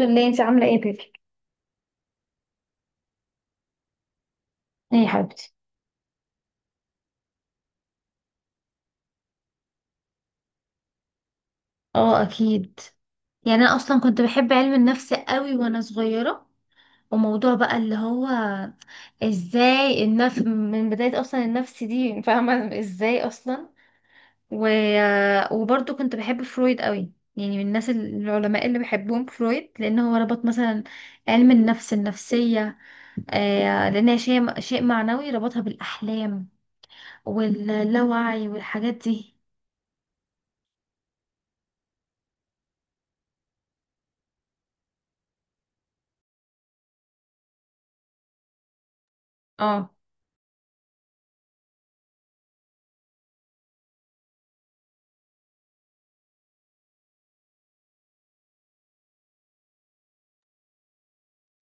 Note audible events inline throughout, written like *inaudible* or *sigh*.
الحمد لله، انت عامله ايه بيبي؟ ايه يا حبيبتي. اه اكيد. يعني انا اصلا كنت بحب علم النفس قوي وانا صغيره. وموضوع بقى اللي هو ازاي النفس من بدايه، اصلا النفس دي فاهمه ازاي اصلا و... وبرضه كنت بحب فرويد قوي، يعني من الناس العلماء اللي بحبهم فرويد، لان هو ربط مثلا علم النفس، النفسيه، آه لان هي شيء معنوي، ربطها بالاحلام واللاوعي والحاجات دي. اه،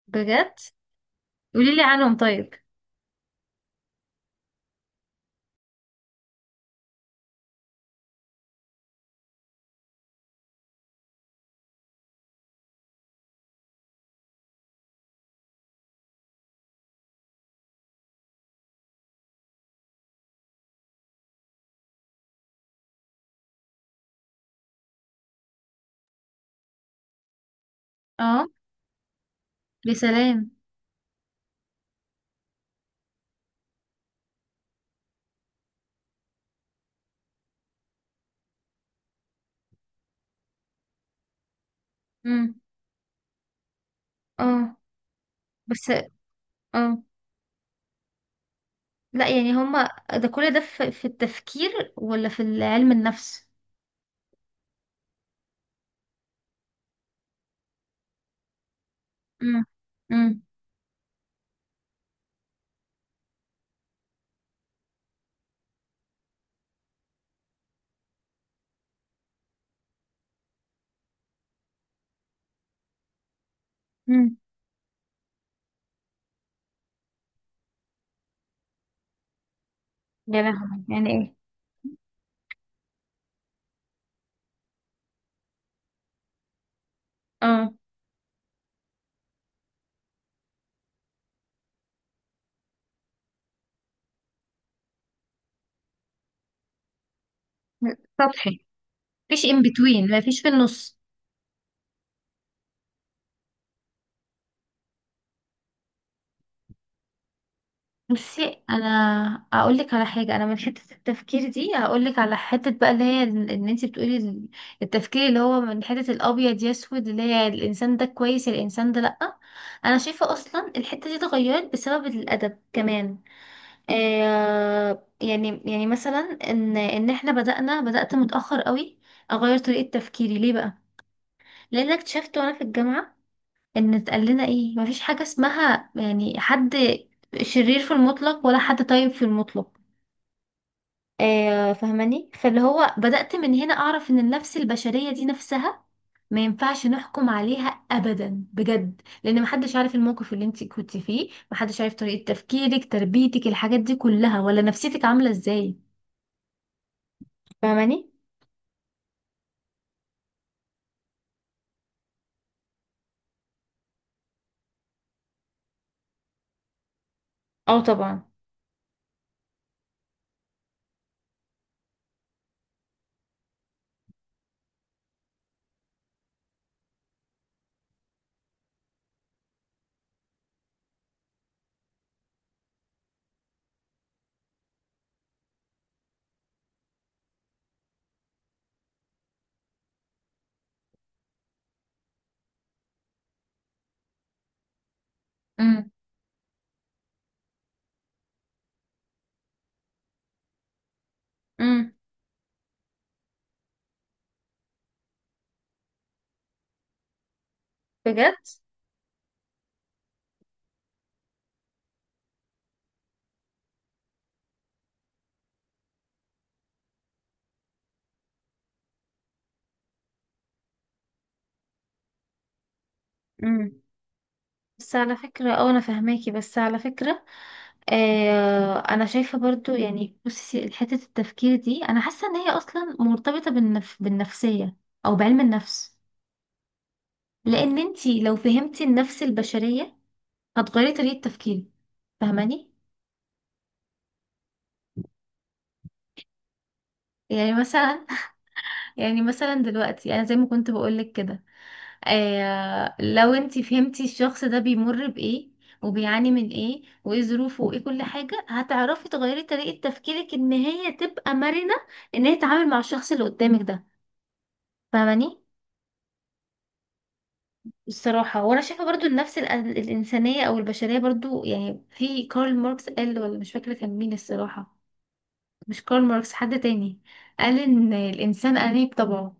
بجد؟ قولي لي عنهم طيب. اه، يا سلام. امم اه، بس. اه، لا يعني هما، ده كل ده في التفكير ولا في علم النفس؟ امم امم امم يا لهوي، يعني ايه؟ اه، سطحي. مفيش in between، مفيش في النص. بصي انا اقول لك على حاجه، انا من حته التفكير دي هقول لك على حته بقى اللي هي ان انت بتقولي التفكير اللي هو من حته الابيض يسود، اللي هي الانسان ده كويس الانسان ده لا. انا شايفه اصلا الحته دي اتغيرت بسبب الادب كمان. آه، يعني مثلا ان احنا بدانا، بدات متاخر قوي اغير طريقه تفكيري، ليه بقى؟ لان أنا اكتشفت وانا في الجامعه ان اتقال لنا ايه، مفيش حاجة اسمها يعني حد شرير في المطلق ولا حد طيب في المطلق. آه، فاهماني؟ فاللي هو بدأت من هنا اعرف ان النفس البشرية دي نفسها ما ينفعش نحكم عليها ابدا بجد، لان محدش عارف الموقف اللي انت كنت فيه، محدش عارف طريقة تفكيرك، تربيتك، الحاجات دي كلها، ولا نفسيتك عاملة ازاي. فاهماني؟ اه طبعا. امم امم بجد. امم. بس على فكرة، اه انا فاهماكي، بس على فكرة آه انا شايفه برضو، يعني بصي حته التفكير دي انا حاسه ان هي اصلا مرتبطه بالنفسيه او بعلم النفس، لان انتي لو فهمتي النفس البشريه هتغيري طريقه تفكيرك. فاهماني؟ يعني مثلا *laughs* يعني مثلا دلوقتي انا زي ما كنت بقولك كده، آه لو انتي فهمتي الشخص ده بيمر بايه وبيعاني من ايه وايه ظروفه وايه كل حاجه، هتعرفي تغيري طريقه تفكيرك ان هي تبقى مرنه، ان هي تتعامل مع الشخص اللي قدامك ده. فاهماني؟ الصراحة وأنا شايفة برضو النفس الإنسانية أو البشرية برضو، يعني في كارل ماركس قال، ولا مش فاكرة كان مين الصراحة، مش كارل ماركس، حد تاني قال إن الإنسان أنيب طبعه.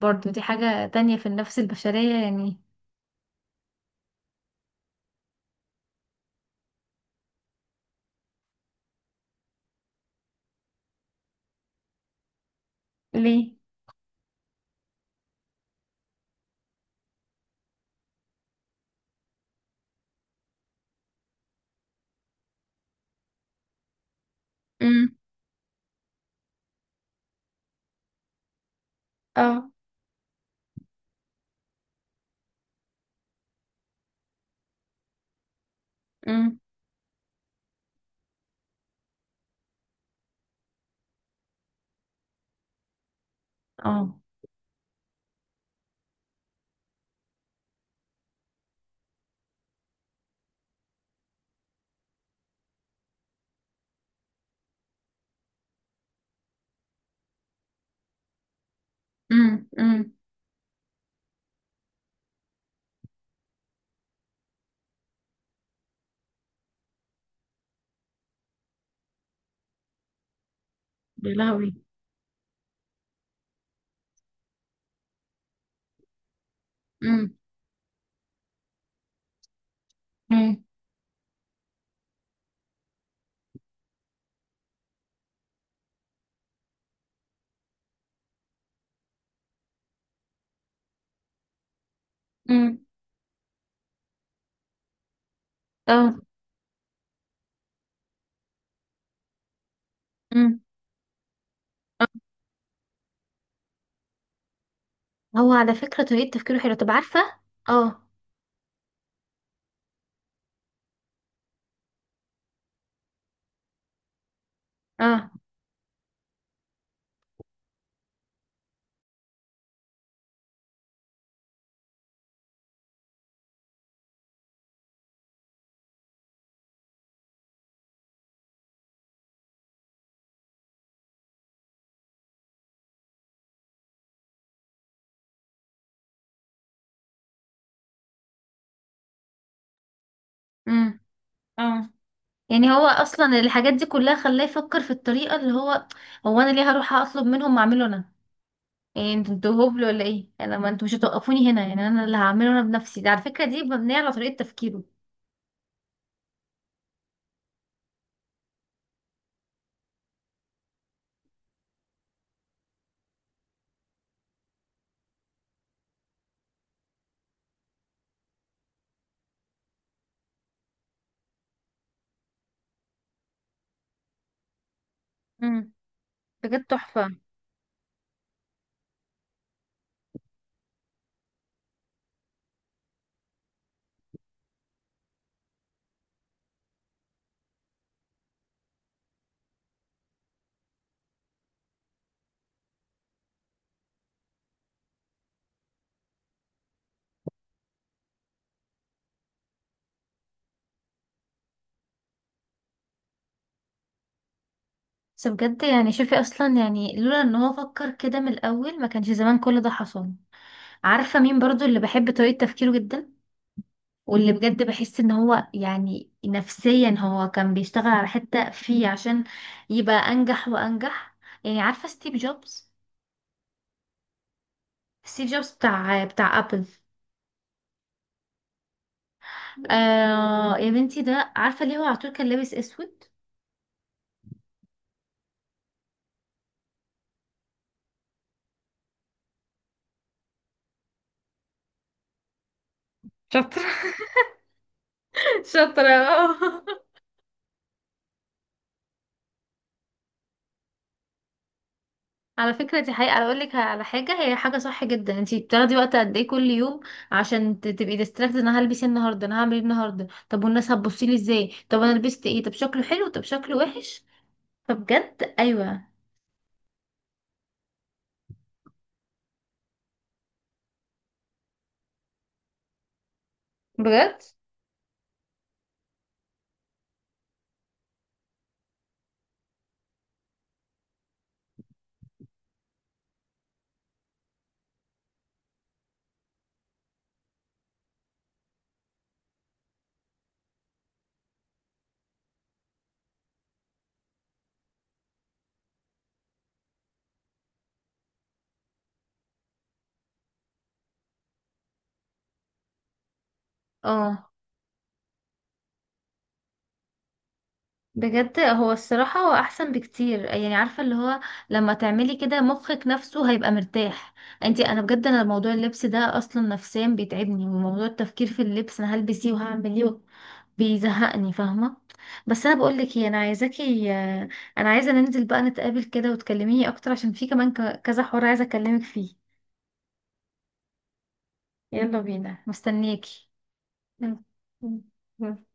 برضو دي حاجة تانية في النفس البشرية يعني. ليه؟ امم اه. امم اه. امم امم يا لهوي. امم امم امم اه. امم هو على فكرة طريقة تفكيره حلوة، طب عارفة؟ اه. اه. امم. اه. يعني هو اصلا الحاجات دي كلها خلاه يفكر في الطريقه اللي هو، هو انا ليه هروح اطلب منهم واعمله انا؟ يعني انتوا هبل ولا ايه؟ انا، ما انتوا مش هتوقفوني هنا، يعني انا اللي هعمله انا بنفسي ده. على فكره دي مبنيه على طريقه تفكيره. امم. بجد تحفة. بس بجد يعني شوفي اصلا، يعني لولا ان هو فكر كده من الاول ما كانش زمان كل ده حصل. عارفه مين برضو اللي بحب طريقه تفكيره جدا، واللي بجد بحس ان هو يعني نفسيا هو كان بيشتغل على حتة فيه عشان يبقى انجح وانجح؟ يعني عارفة ستيف جوبز؟ ستيف جوبز بتاع ابل. آه يا بنتي، ده عارفة ليه هو على طول كان لابس اسود؟ شاطرة. *laughs* شاطرة اه. على فكرة دي حقيقة. اقول لك على حاجة، هي حاجة صح جدا، انتي بتاخدي وقت قد ايه كل يوم عشان تبقي ديستراكت، انا هلبس ايه النهاردة، انا هعمل ايه النهاردة، طب والناس هتبصيلي ازاي، طب انا لبست ايه، طب شكله حلو طب شكله وحش. فبجد ايوه. بجد. اه بجد هو الصراحة، هو أحسن بكتير. يعني عارفة اللي هو لما تعملي كده مخك نفسه هيبقى مرتاح. انتي، أنا بجد أنا موضوع اللبس ده أصلا نفسيا بيتعبني، وموضوع التفكير في اللبس أنا هلبس ايه وهعمل ايه بيزهقني. فاهمة؟ بس أنا بقولك ايه، أنا عايزاكي، أنا عايزة ننزل بقى نتقابل كده وتكلميني أكتر، عشان في كمان كذا حوار عايزة أكلمك فيه. يلا بينا، مستنياكي. يلا.